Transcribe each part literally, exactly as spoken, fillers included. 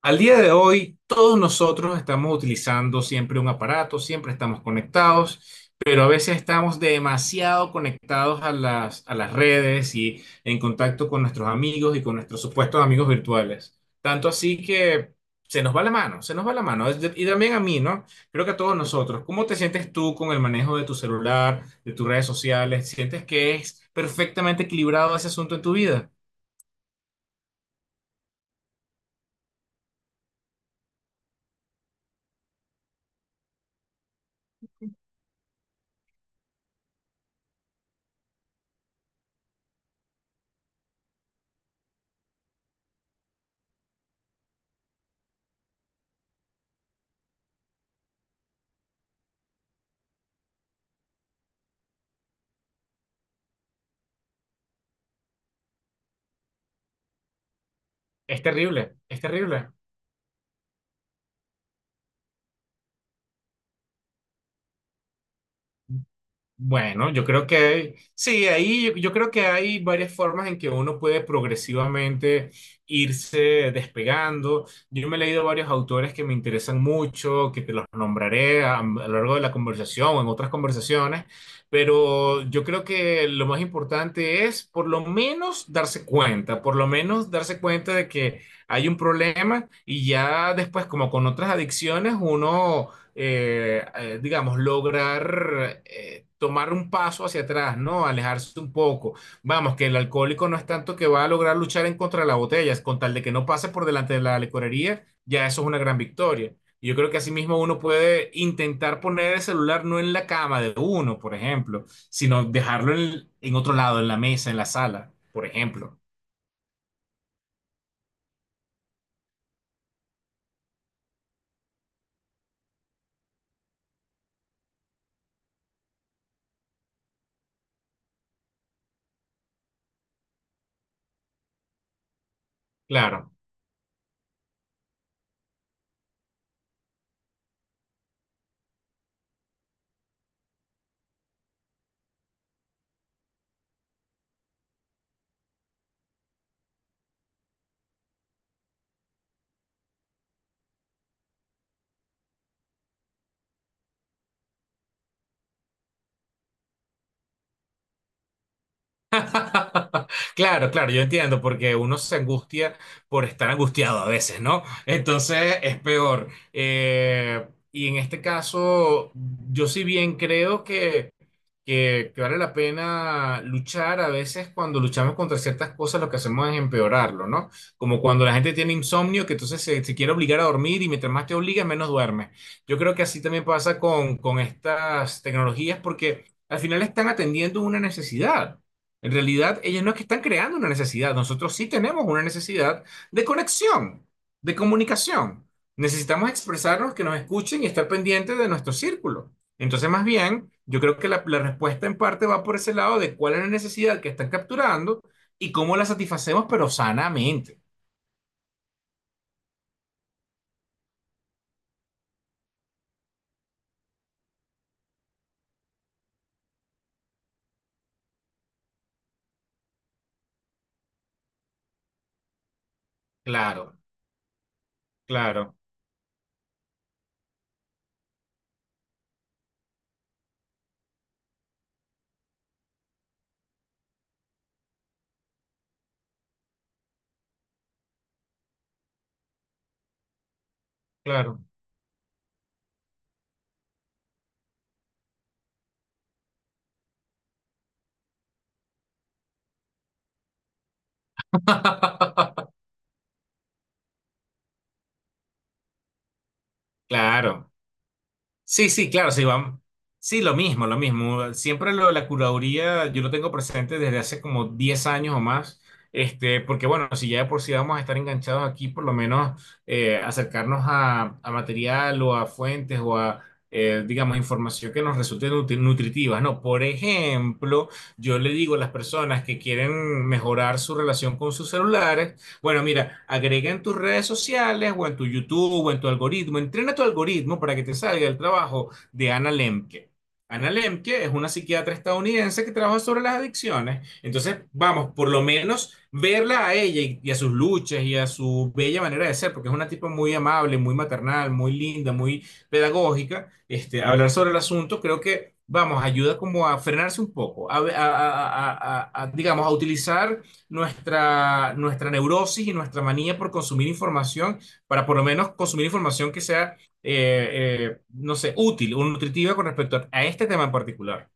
Al día de hoy, todos nosotros estamos utilizando siempre un aparato, siempre estamos conectados, pero a veces estamos demasiado conectados a las, a las redes y en contacto con nuestros amigos y con nuestros supuestos amigos virtuales. Tanto así que se nos va la mano, se nos va la mano. Es de- Y también a mí, ¿no? Creo que a todos nosotros. ¿Cómo te sientes tú con el manejo de tu celular, de tus redes sociales? ¿Sientes que es perfectamente equilibrado ese asunto en tu vida? Es terrible, es terrible. Bueno, yo creo que sí, ahí yo, yo creo que hay varias formas en que uno puede progresivamente irse despegando. Yo me he leído varios autores que me interesan mucho, que te los nombraré a, a lo largo de la conversación o en otras conversaciones, pero yo creo que lo más importante es por lo menos darse cuenta, por lo menos darse cuenta de que hay un problema y ya después, como con otras adicciones, uno eh, eh, digamos, lograr eh, tomar un paso hacia atrás, ¿no? Alejarse un poco. Vamos, que el alcohólico no es tanto que va a lograr luchar en contra de la botella, es con tal de que no pase por delante de la licorería, ya eso es una gran victoria. Y Yo creo que asimismo uno puede intentar poner el celular no en la cama de uno, por ejemplo, sino dejarlo en, en otro lado, en la mesa, en la sala, por ejemplo. Claro. Claro, claro, yo entiendo, porque uno se angustia por estar angustiado a veces, ¿no? Entonces es peor. Eh, y en este caso, yo sí bien creo que, que, que vale la pena luchar. A veces cuando luchamos contra ciertas cosas, lo que hacemos es empeorarlo, ¿no? Como cuando la gente tiene insomnio, que entonces se, se quiere obligar a dormir y mientras más te obliga menos duerme. Yo creo que así también pasa con, con estas tecnologías, porque al final están atendiendo una necesidad. En realidad, ellos no es que están creando una necesidad, nosotros sí tenemos una necesidad de conexión, de comunicación. Necesitamos expresarnos, que nos escuchen y estar pendientes de nuestro círculo. Entonces, más bien, yo creo que la, la respuesta en parte va por ese lado de cuál es la necesidad que están capturando y cómo la satisfacemos, pero sanamente. Claro, claro, claro, claro. Sí, sí, claro, sí, vamos. Sí, lo mismo, lo mismo. Siempre lo de la curaduría yo lo tengo presente desde hace como diez años o más. Este, porque bueno, si ya de por sí vamos a estar enganchados aquí, por lo menos eh, acercarnos a, a material o a fuentes o a, eh, digamos, información que nos resulte nutri- nutritiva, ¿no? Por ejemplo, yo le digo a las personas que quieren mejorar su relación con sus celulares, bueno, mira, agrega en tus redes sociales o en tu YouTube o en tu algoritmo. Entrena tu algoritmo para que te salga el trabajo de Anna Lemke. Anna Lemke es una psiquiatra estadounidense que trabaja sobre las adicciones. Entonces, vamos, por lo menos verla a ella y, y a sus luchas y a su bella manera de ser, porque es una tipa muy amable, muy maternal, muy linda, muy pedagógica. Este, hablar sobre el asunto creo que, vamos, ayuda como a frenarse un poco, a- a- a- a- a, digamos, a utilizar nuestra, nuestra neurosis y nuestra manía por consumir información, para por lo menos consumir información que sea, eh, eh, no sé, útil o nutritiva con respecto a, a este tema en particular.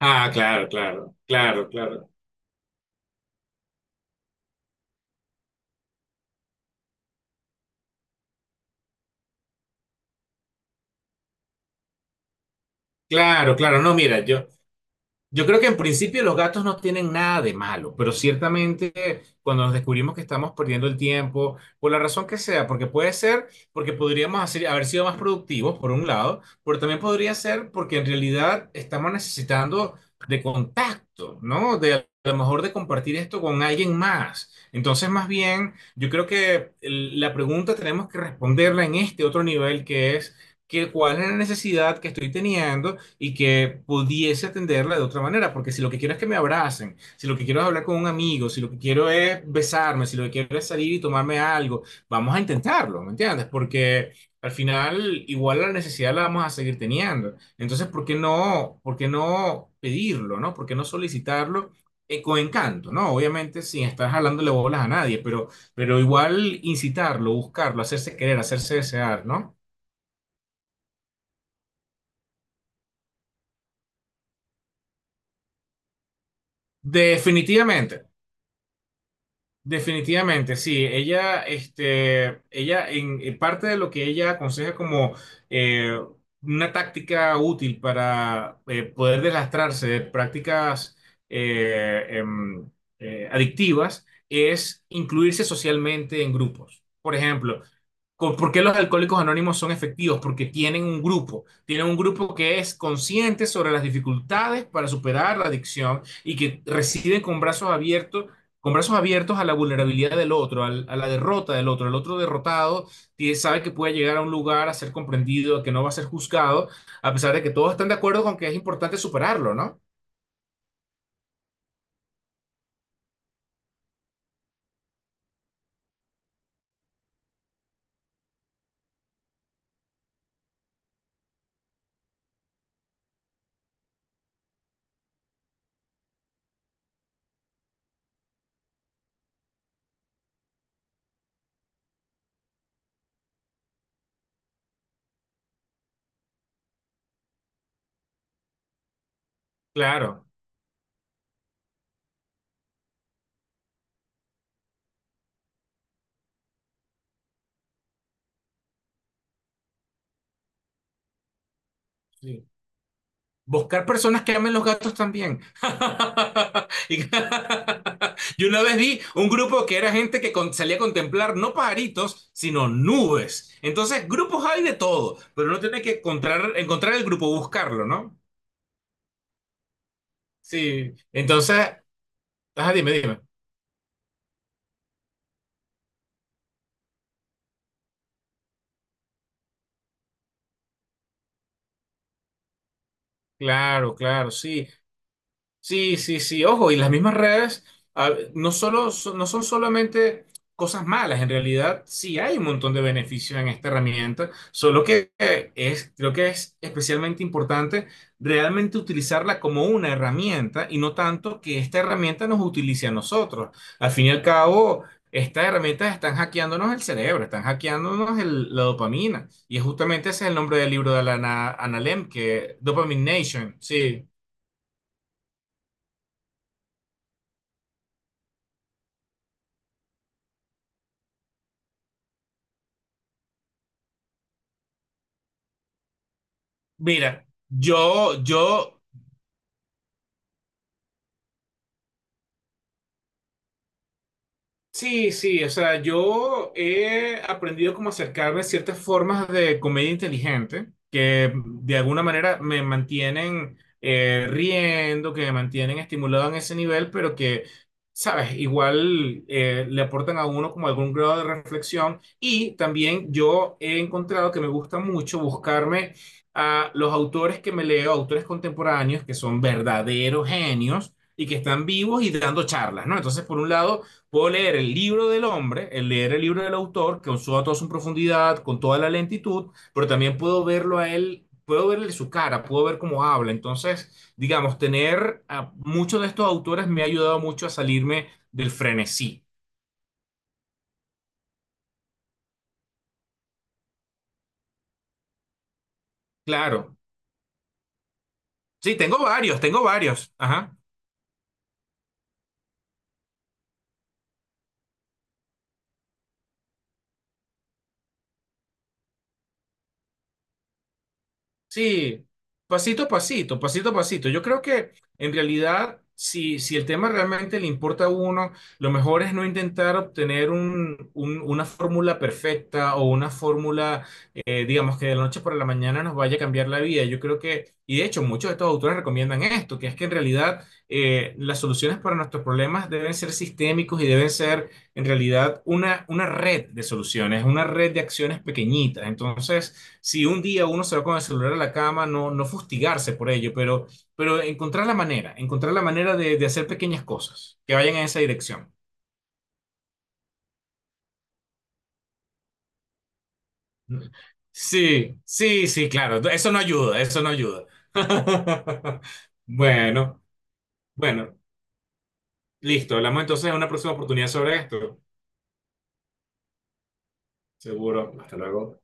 Ah, claro, claro, claro, claro. Claro, claro. No, mira, yo, yo creo que en principio los gatos no tienen nada de malo, pero ciertamente cuando nos descubrimos que estamos perdiendo el tiempo, por la razón que sea, porque puede ser porque podríamos hacer- haber sido más productivos, por un lado, pero también podría ser porque en realidad estamos necesitando de contacto, ¿no? De a a lo mejor de compartir esto con alguien más. Entonces, más bien, yo creo que el- la pregunta tenemos que responderla en este otro nivel que es que cuál es la necesidad que estoy teniendo y que pudiese atenderla de otra manera, porque si lo que quiero es que me abracen, si lo que quiero es hablar con un amigo, si lo que quiero es besarme, si lo que quiero es salir y tomarme algo, vamos a intentarlo, ¿me entiendes? Porque al final igual la necesidad la vamos a seguir teniendo. Entonces, ¿por qué no, por qué no pedirlo, ¿no? ¿Por qué no solicitarlo? Eh, con encanto, ¿no? Obviamente sin estar jalándole bolas a nadie, pero, pero igual incitarlo, buscarlo, hacerse querer, hacerse desear, ¿no? Definitivamente. Definitivamente, sí. Ella, este, ella, en, en parte de lo que ella aconseja como eh, una táctica útil para eh, poder deslastrarse de prácticas eh, em, eh, adictivas es incluirse socialmente en grupos. Por ejemplo, co- ¿por qué los alcohólicos anónimos son efectivos? Porque tienen un grupo, tienen un grupo que es consciente sobre las dificultades para superar la adicción y que reciben con brazos abiertos con brazos abiertos a la vulnerabilidad del otro, al- a la derrota del otro. El otro derrotado tie- sabe que puede llegar a un lugar a ser comprendido, a que no va a ser juzgado, a pesar de que todos están de acuerdo con que es importante superarlo, ¿no? Claro. Sí. Buscar personas que amen los gatos también. Y- Yo una vez vi un grupo que era gente que con- salía a contemplar no pajaritos, sino nubes. Entonces, grupos hay de todo, pero uno tiene que encontrar, encontrar el grupo, buscarlo, ¿no? Sí. Entonces, ajá, dime, dime. Claro, claro, sí. Sí, sí, sí, ojo, y las mismas redes a- no solo, so- no son solamente cosas malas, en realidad sí hay un montón de beneficios en esta herramienta, solo que eh, es, creo que es especialmente importante realmente utilizarla como una herramienta y no tanto que esta herramienta nos utilice a nosotros. Al fin y al cabo, estas herramientas están hackeándonos el cerebro, están hackeándonos el- la dopamina, y justamente ese es el nombre del libro de Alana Analem, que Dopamine Nation, sí. Mira, yo, yo sí, sí, o sea, yo he aprendido como acercarme a ciertas formas de comedia inteligente que de alguna manera me mantienen eh, riendo, que me mantienen estimulado en ese nivel, pero que, sabes, igual eh, le aportan a uno como algún grado de reflexión. Y también yo he encontrado que me gusta mucho buscarme a los autores que me leo, autores contemporáneos que son verdaderos genios y que están vivos y dando charlas, ¿no? Entonces, por un lado puedo leer el libro del hombre, el leer el libro del autor, con su- toda su profundidad, con toda la lentitud, pero también puedo verlo a él, puedo verle su cara, puedo ver cómo habla. Entonces, digamos, tener a muchos de estos autores me ha ayudado mucho a salirme del frenesí. Claro. Sí, tengo varios, tengo varios. Ajá. Sí, pasito a pasito, pasito a pasito. Yo creo que en realidad, si, si el tema realmente le importa a uno, lo mejor es no intentar obtener un- un- una fórmula perfecta o una fórmula, eh, digamos, que de la noche para la mañana nos vaya a cambiar la vida. Yo creo que, y de hecho muchos de estos autores recomiendan esto, que es que en realidad eh, las soluciones para nuestros problemas deben ser sistémicos y deben ser en realidad una, una red de soluciones, una red de acciones pequeñitas. Entonces si un día uno se va con el celular a la cama, no, no fustigarse por ello, pero, pero encontrar la manera, encontrar la manera de, de hacer pequeñas cosas que vayan en esa dirección. Sí, sí, sí, claro, eso no ayuda, eso no ayuda. Bueno, bueno, listo, hablamos entonces en una próxima oportunidad sobre esto. Seguro, hasta luego.